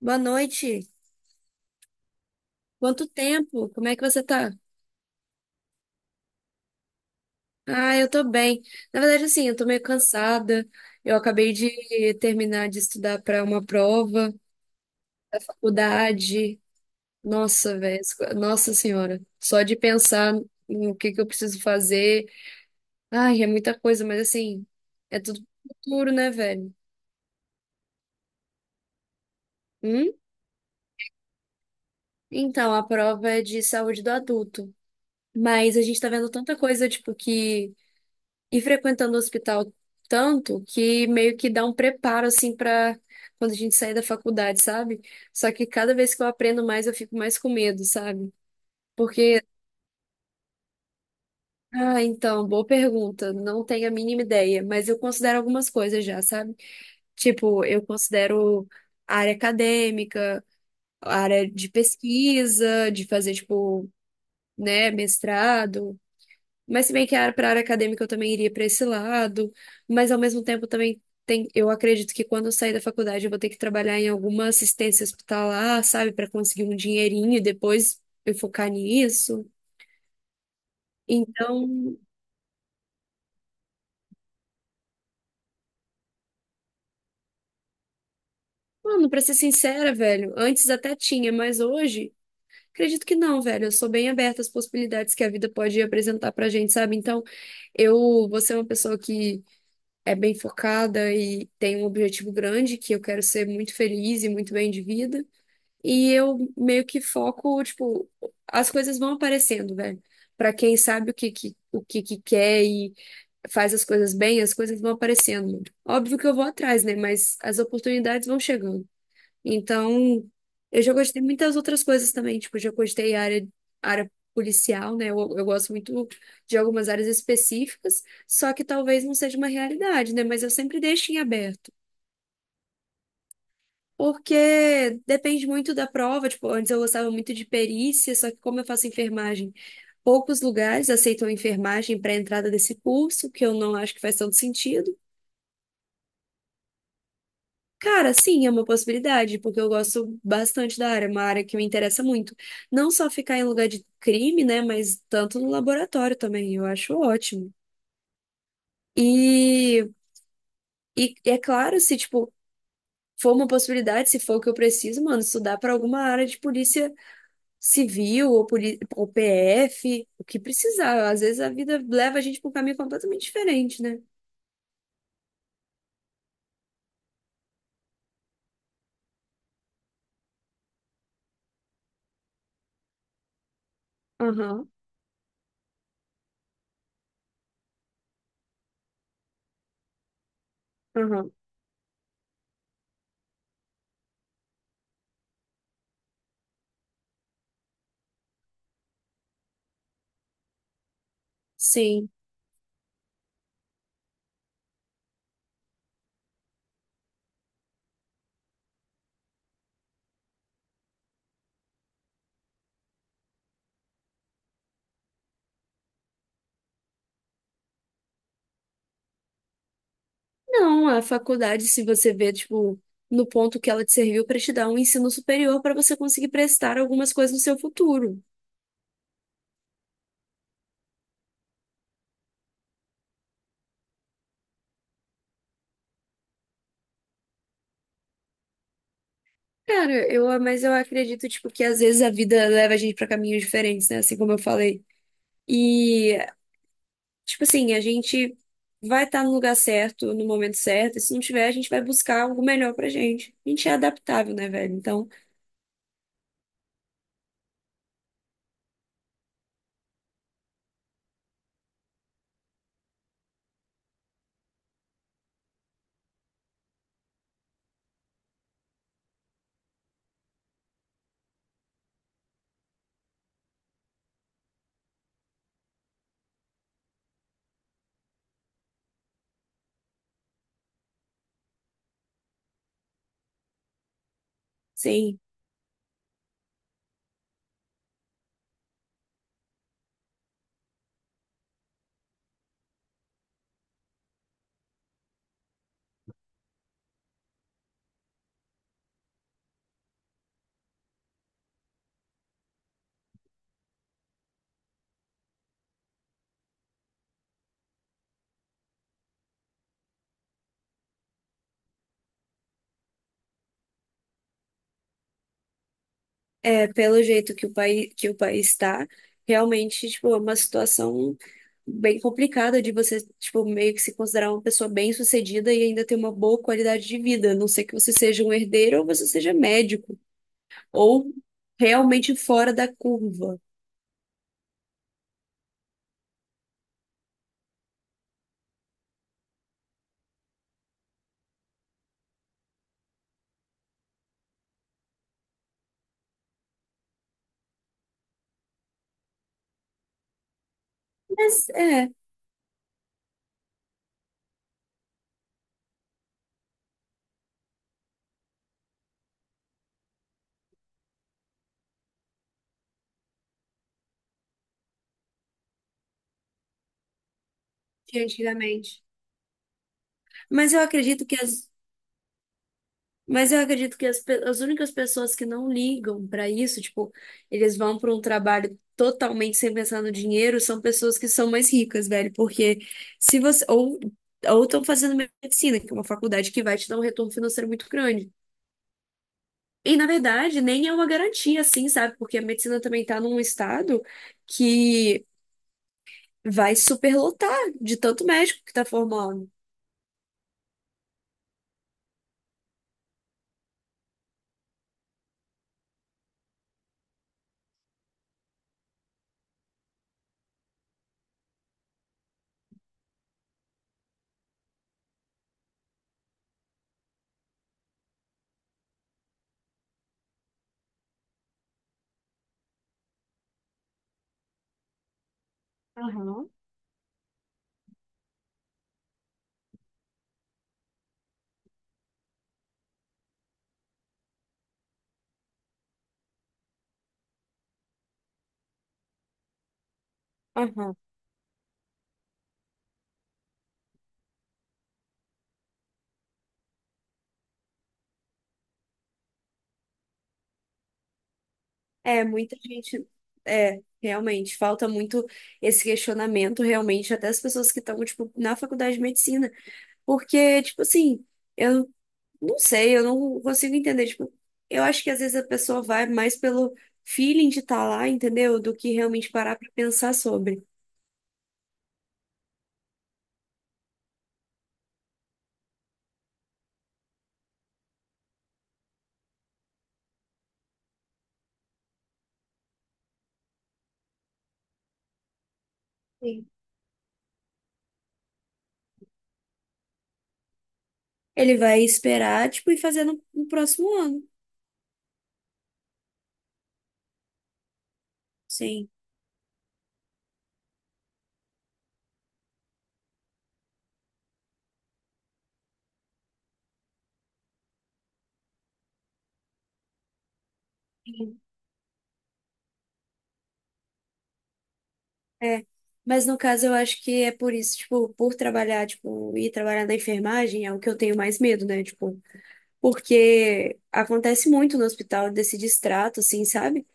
Boa noite. Quanto tempo? Como é que você tá? Ah, eu tô bem. Na verdade, assim, eu tô meio cansada. Eu acabei de terminar de estudar para uma prova da faculdade. Nossa, velho. Nossa Senhora. Só de pensar em o que que eu preciso fazer. Ai, é muita coisa, mas assim, é tudo pro futuro, né, velho? Hum? Então, a prova é de saúde do adulto. Mas a gente tá vendo tanta coisa, tipo, que e frequentando o hospital tanto que meio que dá um preparo assim para quando a gente sair da faculdade, sabe? Só que cada vez que eu aprendo mais, eu fico mais com medo, sabe? Porque, ah, então, boa pergunta, não tenho a mínima ideia, mas eu considero algumas coisas já, sabe? Tipo, eu considero a área acadêmica, a área de pesquisa, de fazer, tipo, né, mestrado. Mas se bem que pra área acadêmica eu também iria para esse lado, mas ao mesmo tempo também tem, eu acredito que quando eu sair da faculdade eu vou ter que trabalhar em alguma assistência hospitalar, sabe, para conseguir um dinheirinho e depois eu focar nisso. Então, mano, para ser sincera, velho, antes até tinha, mas hoje acredito que não, velho. Eu sou bem aberta às possibilidades que a vida pode apresentar pra gente, sabe? Então, eu vou ser uma pessoa que é bem focada e tem um objetivo grande, que eu quero ser muito feliz e muito bem de vida. E eu meio que foco, tipo, as coisas vão aparecendo, velho. Pra quem sabe o que que quer e faz as coisas bem, as coisas vão aparecendo. Óbvio que eu vou atrás, né? Mas as oportunidades vão chegando. Então, eu já gostei muitas outras coisas também. Tipo, já gostei área, área policial, né? Eu gosto muito de algumas áreas específicas, só que talvez não seja uma realidade, né? Mas eu sempre deixo em aberto. Porque depende muito da prova. Tipo, antes eu gostava muito de perícia, só que como eu faço enfermagem, poucos lugares aceitam enfermagem para a entrada desse curso, que eu não acho que faz tanto sentido. Cara, sim, é uma possibilidade, porque eu gosto bastante da área, é uma área que me interessa muito. Não só ficar em lugar de crime, né, mas tanto no laboratório também, eu acho ótimo. E, e é claro, se, tipo, for uma possibilidade, se for o que eu preciso, mano, estudar para alguma área de polícia civil ou, ou PF, o que precisar. Às vezes a vida leva a gente para um caminho completamente diferente, né? Aham, aham. Sim. Não, a faculdade, se você vê, tipo, no ponto que ela te serviu para te dar um ensino superior para você conseguir prestar algumas coisas no seu futuro. Cara, eu, mas eu acredito, tipo, que às vezes a vida leva a gente para caminhos diferentes, né? Assim como eu falei. E, tipo assim, a gente vai estar no lugar certo, no momento certo, e se não tiver, a gente vai buscar algo melhor pra gente. A gente é adaptável, né, velho? Então, sim, é, pelo jeito que o país está, realmente, tipo, é uma situação bem complicada de você, tipo, meio que se considerar uma pessoa bem-sucedida e ainda ter uma boa qualidade de vida, a não ser que você seja um herdeiro ou você seja médico, ou realmente fora da curva. Mas é, de antigamente. Mas eu acredito que as, mas eu acredito que as, as únicas pessoas que não ligam para isso, tipo, eles vão para um trabalho totalmente sem pensar no dinheiro, são pessoas que são mais ricas, velho, porque se você ou estão fazendo medicina, que é uma faculdade que vai te dar um retorno financeiro muito grande. E na verdade, nem é uma garantia assim, sabe? Porque a medicina também tá num estado que vai superlotar de tanto médico que tá formando. Aham. Aham. É, muita gente. É, realmente, falta muito esse questionamento, realmente, até as pessoas que estão, tipo, na faculdade de medicina. Porque, tipo assim, eu não sei, eu não consigo entender. Tipo, eu acho que às vezes a pessoa vai mais pelo feeling de estar lá, entendeu? Do que realmente parar pra pensar sobre. Sim. Ele vai esperar, tipo, e fazer no próximo ano. Sim. Sim. É. Mas no caso, eu acho que é por isso, tipo, por trabalhar, tipo, ir trabalhar na enfermagem é o que eu tenho mais medo, né? Tipo. Porque acontece muito no hospital desse distrato, assim, sabe?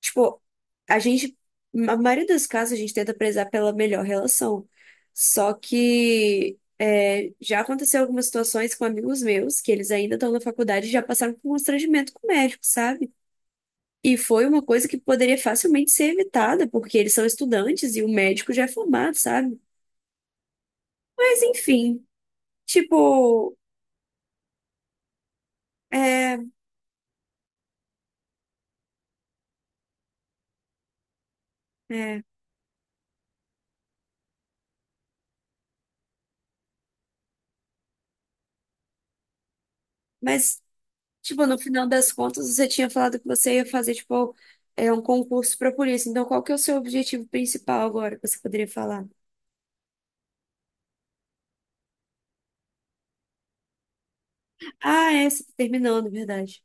Tipo, a gente, na maioria dos casos, a gente tenta prezar pela melhor relação. Só que é, já aconteceu algumas situações com amigos meus, que eles ainda estão na faculdade e já passaram por um constrangimento com o médico, sabe? E foi uma coisa que poderia facilmente ser evitada, porque eles são estudantes e o médico já é formado, sabe? Mas enfim, tipo, é, é. Mas, tipo, no final das contas, você tinha falado que você ia fazer, tipo, é um concurso para polícia. Então, qual que é o seu objetivo principal agora que você poderia falar? Ah, é, você terminou, na verdade.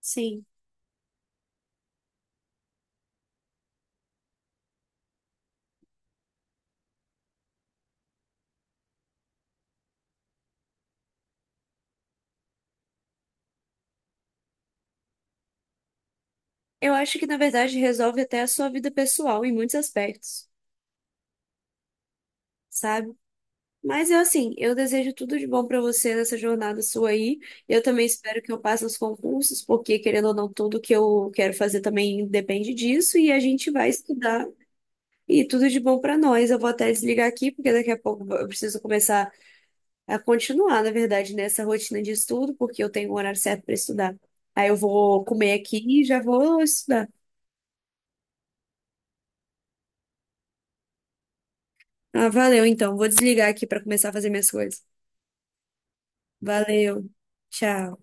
Sim. Eu acho que, na verdade, resolve até a sua vida pessoal em muitos aspectos, sabe? Mas eu, assim, eu desejo tudo de bom para você nessa jornada sua aí. Eu também espero que eu passe os concursos, porque, querendo ou não, tudo que eu quero fazer também depende disso. E a gente vai estudar. E tudo de bom pra nós. Eu vou até desligar aqui, porque daqui a pouco eu preciso começar a continuar, na verdade, nessa rotina de estudo, porque eu tenho um horário certo para estudar. Aí eu vou comer aqui e já vou estudar. Ah, valeu, então. Vou desligar aqui para começar a fazer minhas coisas. Valeu. Tchau.